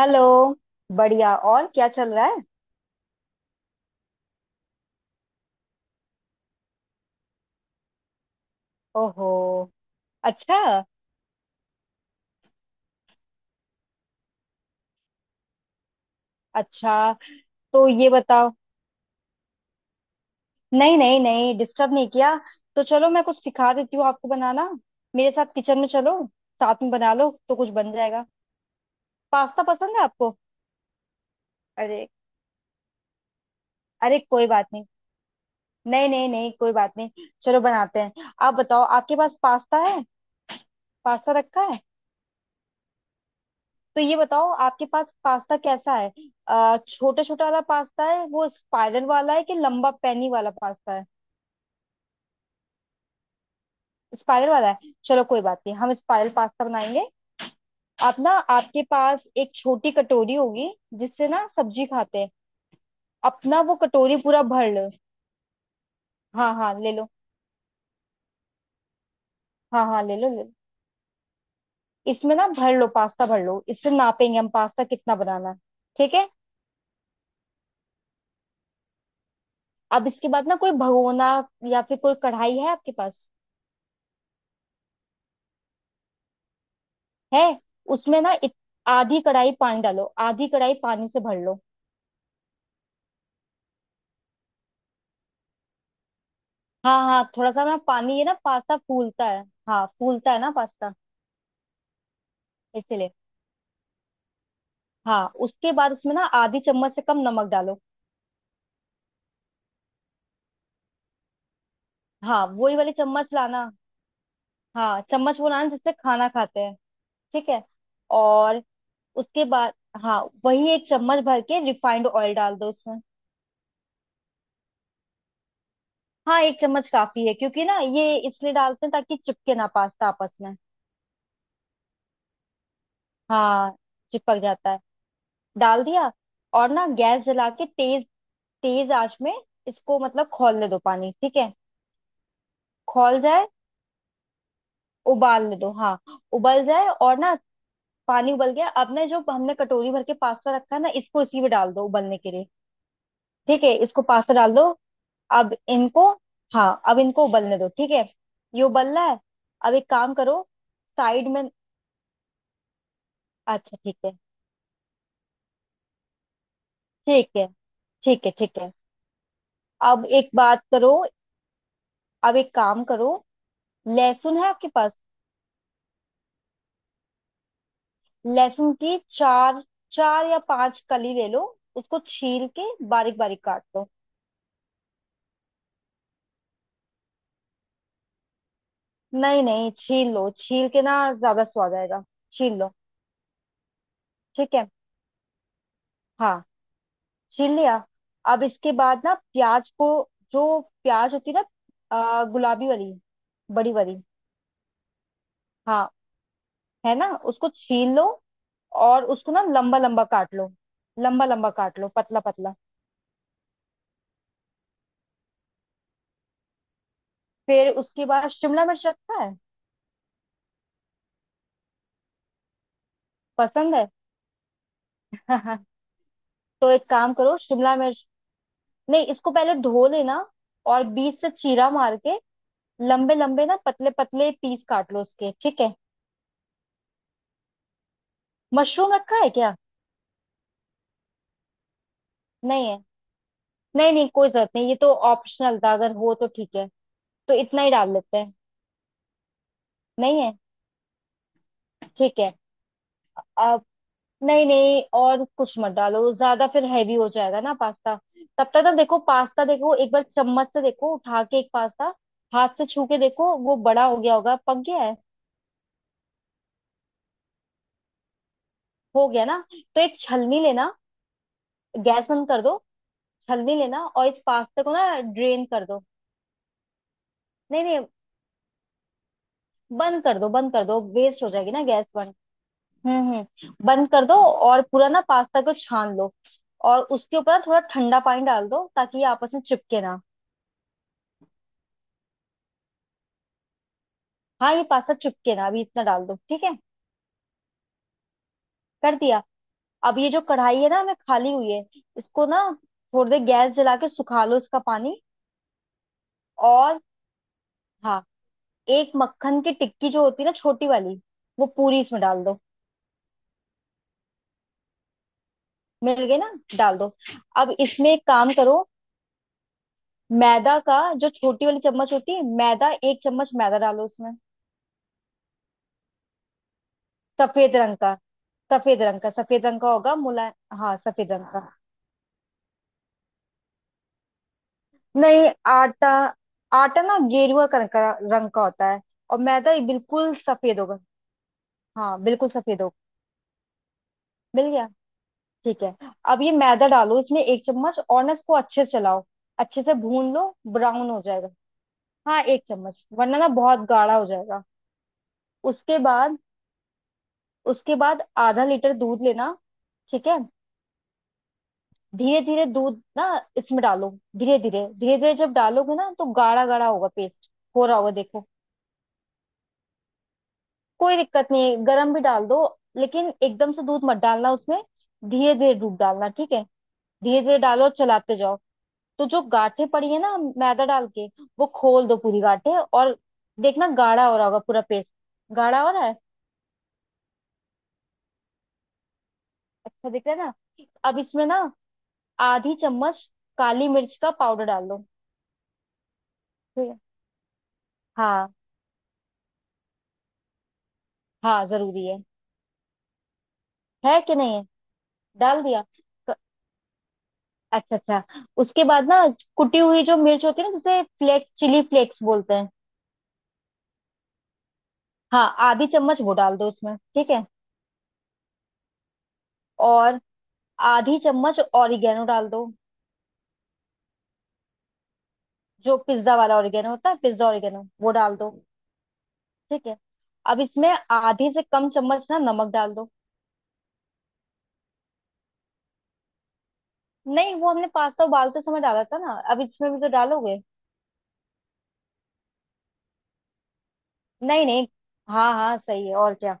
Hello. बढ़िया। और क्या चल रहा है। ओहो। अच्छा। अच्छा, तो ये बताओ। नहीं नहीं नहीं, डिस्टर्ब नहीं किया। तो चलो, मैं कुछ सिखा देती हूँ आपको बनाना। मेरे साथ किचन में चलो। साथ में बना लो तो कुछ बन जाएगा। पास्ता पसंद है आपको। अरे। अरे कोई बात नहीं। नहीं नहीं नहीं कोई बात नहीं। चलो बनाते हैं। आप बताओ, आपके पास पास्ता है। पास्ता रखा है। तो ये बताओ आपके पास पास्ता कैसा है। छोटा छोटा वाला पास्ता है वो स्पाइरल वाला है, कि लंबा पैनी वाला पास्ता है। स्पाइरल वाला है। चलो कोई बात नहीं, हम स्पाइरल पास्ता बनाएंगे। आप ना, आपके पास एक छोटी कटोरी होगी, जिससे ना सब्जी खाते हैं। अपना वो कटोरी पूरा भर लो। हाँ हाँ ले लो। हाँ हाँ ले लो ले लो। इसमें ना भर लो, पास्ता भर लो, इससे नापेंगे हम पास्ता कितना बनाना है। ठीक है। अब इसके बाद ना कोई भगोना या फिर कोई कढ़ाई है आपके पास। है। उसमें ना आधी कढ़ाई पानी डालो, आधी कढ़ाई पानी से भर लो। हाँ हाँ, थोड़ा सा ना पानी, ये ना पास्ता फूलता है। हाँ फूलता है ना पास्ता। इसलिए हाँ। उसके बाद उसमें ना आधी चम्मच से कम नमक डालो। हाँ वही वाली चम्मच लाना। हाँ चम्मच वो लाना जिससे खाना खाते हैं। ठीक है। और उसके बाद हाँ वही एक चम्मच भर के रिफाइंड ऑयल डाल दो उसमें। हाँ एक चम्मच काफी है, क्योंकि ना ये इसलिए डालते हैं ताकि चिपके ना पास्ता आपस में। हाँ चिपक जाता है। डाल दिया। और ना गैस जला के तेज, तेज आंच में इसको, मतलब खौलने दो पानी, ठीक है। खौल जाए, उबालने दो हाँ। उबल जाए और ना, पानी उबल गया। अब ना जो हमने कटोरी भर के पास्ता रखा है ना, इसको इसी में डाल दो उबलने के लिए। ठीक है, इसको पास्ता डाल दो। अब इनको, हाँ अब इनको उबलने दो, ठीक है। ये उबल रहा है। अब एक काम करो, साइड में। अच्छा ठीक है। ठीक है ठीक है ठीक है। अब एक बात करो अब एक काम करो। लहसुन है आपके पास। लहसुन की चार, चार या पांच कली ले लो। उसको छील के बारीक बारीक काट लो। नहीं नहीं, छील लो, छील के ना ज्यादा स्वाद आएगा। छील लो। ठीक है। हाँ छील लिया। अब इसके बाद ना प्याज को, जो प्याज होती है ना गुलाबी वाली, बड़ी वाली। हाँ है ना, उसको छील लो, और उसको ना लंबा लंबा काट लो। लंबा लंबा काट लो, पतला पतला। फिर उसके बाद शिमला मिर्च रखता है। पसंद है। तो एक काम करो शिमला मिर्च, नहीं इसको पहले धो लेना, और बीच से चीरा मार के लंबे लंबे ना पतले पतले पीस काट लो उसके, ठीक है। मशरूम रखा है क्या। नहीं है। नहीं नहीं कोई जरूरत नहीं, ये तो ऑप्शनल था, अगर हो तो ठीक है। तो इतना ही डाल लेते हैं। नहीं है। ठीक है। अब नहीं नहीं और कुछ मत डालो, ज्यादा फिर हैवी हो जाएगा ना पास्ता। तब तक ना देखो पास्ता, देखो एक बार चम्मच से, देखो उठा के एक पास्ता हाथ से छू के देखो, वो बड़ा हो गया होगा, पक गया है। हो गया ना, तो एक छलनी लेना। गैस बंद कर दो। हल्दी लेना और इस पास्ता को ना ड्रेन कर दो। नहीं नहीं, बंद कर दो, बंद कर दो, वेस्ट हो जाएगी ना गैस, बंद। हम्म, बंद कर दो। और पूरा ना पास्ता को छान लो, और उसके ऊपर ना थोड़ा ठंडा पानी डाल दो, ताकि ये आपस में चिपके ना। हाँ ये पास्ता चिपके ना, अभी इतना डाल दो, ठीक है। कर दिया। अब ये जो कढ़ाई है ना हमें खाली हुई है, इसको ना थोड़ी देर गैस जला के सुखा लो इसका पानी। और हाँ, एक मक्खन की टिक्की जो होती है ना, छोटी वाली, वो पूरी इसमें डाल दो। मिल गए ना, डाल दो। अब इसमें एक काम करो, मैदा का, जो छोटी वाली चम्मच होती है, मैदा एक चम्मच मैदा डालो उसमें। सफेद रंग का, सफेद रंग का, सफेद रंग का होगा मुला। हाँ सफेद रंग का। नहीं आटा, आटा ना गेरुआ रंग का होता है, और मैदा ये बिल्कुल सफेद होगा। हाँ बिल्कुल सफेद होगा। मिल गया। ठीक है, अब ये मैदा डालो इसमें एक चम्मच, और ना इसको अच्छे से चलाओ, अच्छे से भून लो, ब्राउन हो जाएगा। हाँ एक चम्मच, वरना ना बहुत गाढ़ा हो जाएगा। उसके बाद, उसके बाद आधा लीटर दूध लेना, ठीक है। धीरे धीरे दूध ना इसमें डालो, धीरे धीरे धीरे धीरे जब डालोगे ना, तो गाढ़ा गाढ़ा होगा पेस्ट, हो रहा होगा देखो। कोई दिक्कत नहीं है, गर्म भी डाल दो, लेकिन एकदम से दूध मत डालना उसमें। धीरे धीरे दूध डालना, ठीक है। धीरे धीरे डालो और चलाते जाओ, तो जो गांठें पड़ी है ना मैदा डाल के, वो खोल दो पूरी गांठें। और देखना गाढ़ा हो रहा होगा पूरा पेस्ट। गाढ़ा हो रहा है। अच्छा दिख रहा है ना। अब इसमें ना आधी चम्मच काली मिर्च का पाउडर डाल दो। हाँ हाँ जरूरी है। है कि नहीं है। डाल दिया। क- अच्छा अच्छा। उसके बाद ना, कुटी हुई जो मिर्च होती है ना, जिसे फ्लेक्स, चिली फ्लेक्स बोलते हैं। हाँ आधी चम्मच वो डाल दो उसमें, ठीक है। और आधी चम्मच ऑरिगेनो डाल दो। जो पिज्जा वाला ऑरिगेनो होता है, पिज्जा ऑरिगेनो वो डाल दो। ठीक है। अब इसमें आधी से कम चम्मच ना नमक डाल दो। नहीं वो हमने पास्ता उबालते समय डाला था ना, अब इसमें भी तो डालोगे। नहीं नहीं, हाँ हाँ सही है, और क्या।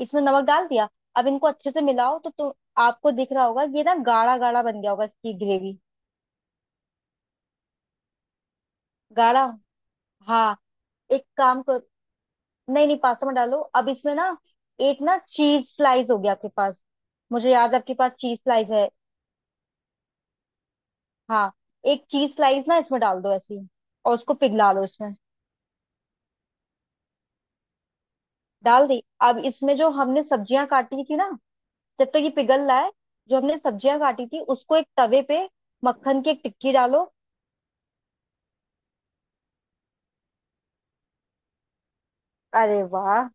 इसमें नमक डाल दिया। अब इनको अच्छे से मिलाओ, तो आपको दिख रहा होगा ये ना गाढ़ा गाढ़ा बन गया होगा इसकी ग्रेवी। गाढ़ा। हाँ एक काम कर, नहीं नहीं, पास्ता में डालो। अब इसमें ना एक ना चीज स्लाइस होगी आपके पास। मुझे याद है आपके पास चीज स्लाइस है। हाँ एक चीज स्लाइस ना इसमें डाल दो ऐसी, और उसको पिघला लो इसमें। डाल दी। अब इसमें जो हमने सब्जियां काटी थी ना, जब तक ये पिघल रहा है, जो हमने सब्जियां काटी थी उसको एक तवे पे, मक्खन की एक टिक्की डालो। अरे वाह।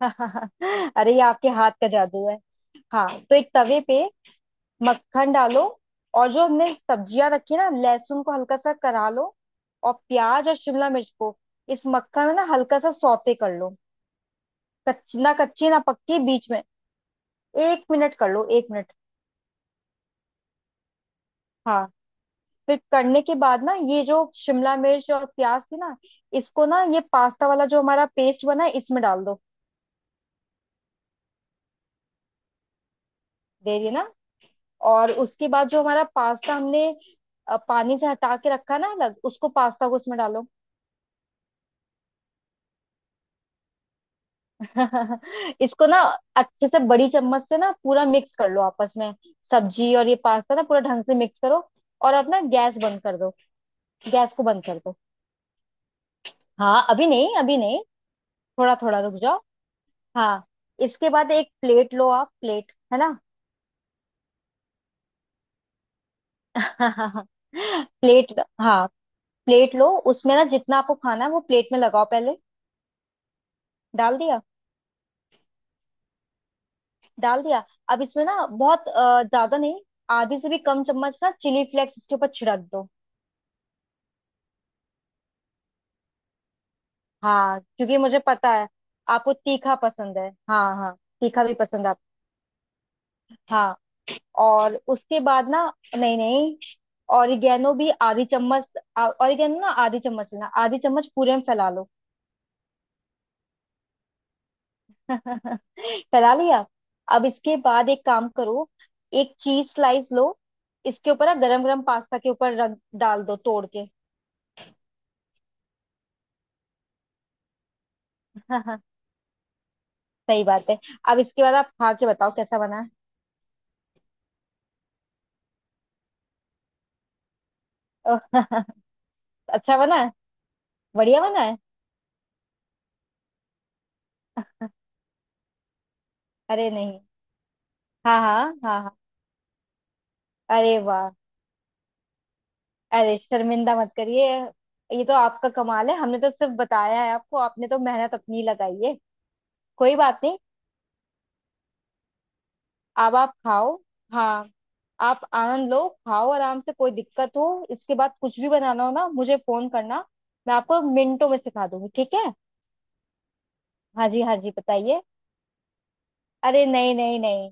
अरे ये आपके हाथ का जादू है। हाँ तो एक तवे पे मक्खन डालो, और जो हमने सब्जियां रखी ना, लहसुन को हल्का सा करा लो, और प्याज और शिमला मिर्च को इस मक्खन में ना हल्का सा सौते कर लो। कच्ची ना, कच्ची ना पक्की, बीच में। एक मिनट कर लो, एक मिनट। हाँ फिर करने के बाद ना, ये जो शिमला मिर्च और प्याज थी ना, इसको ना, ये पास्ता वाला जो हमारा पेस्ट बना है, इसमें डाल दो। दे रही है ना। और उसके बाद जो हमारा पास्ता हमने पानी से हटा के रखा ना अलग, उसको, पास्ता को उसमें डालो। इसको ना अच्छे से बड़ी चम्मच से ना पूरा मिक्स कर लो आपस में। सब्जी और ये पास्ता ना पूरा ढंग से मिक्स करो। और अब ना गैस बंद कर दो। गैस को बंद कर दो। हाँ अभी नहीं, अभी नहीं, थोड़ा थोड़ा रुक जाओ। हाँ इसके बाद एक प्लेट लो। आप प्लेट है ना। प्लेट, हाँ प्लेट लो, उसमें ना जितना आपको खाना है वो प्लेट में लगाओ पहले। डाल दिया। डाल दिया। अब इसमें ना बहुत ज्यादा नहीं, आधी से भी कम चम्मच ना चिली फ्लेक्स इसके ऊपर छिड़क दो। हाँ क्योंकि मुझे पता है आपको तीखा पसंद है, हाँ हाँ। तीखा भी पसंद है आपको। हाँ। और उसके बाद ना, नहीं नहीं, ऑरिगेनो भी आधी चम्मच। ऑरिगेनो ना आधी चम्मच लेना, आधी चम्मच पूरे में फैला लो। फैला लिया। अब इसके बाद एक काम करो, एक चीज स्लाइस लो, इसके ऊपर ना गरम गरम पास्ता के ऊपर रख, डाल दो तोड़ के। सही बात है। अब इसके बाद आप खा के बताओ कैसा बना है। ओह, अच्छा बना है, बढ़िया बना है। अरे नहीं, हाँ हाँ हाँ हाँ। अरे वाह, अरे शर्मिंदा मत करिए, ये तो आपका कमाल है, हमने तो सिर्फ बताया है, आपको आपने तो मेहनत अपनी लगाई है। कोई बात नहीं। अब आप खाओ। हाँ आप आनंद लो, खाओ आराम से, कोई दिक्कत हो इसके बाद कुछ भी बनाना हो ना, मुझे फोन करना, मैं आपको मिनटों में सिखा दूंगी, ठीक है। हाँ जी, हाँ जी बताइए। अरे नहीं नहीं नहीं,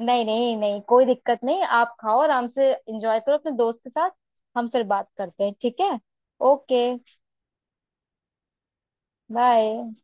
नहीं नहीं नहीं कोई दिक्कत नहीं, आप खाओ आराम से, एंजॉय करो अपने दोस्त के साथ। हम फिर बात करते हैं, ठीक है। ओके। बाय।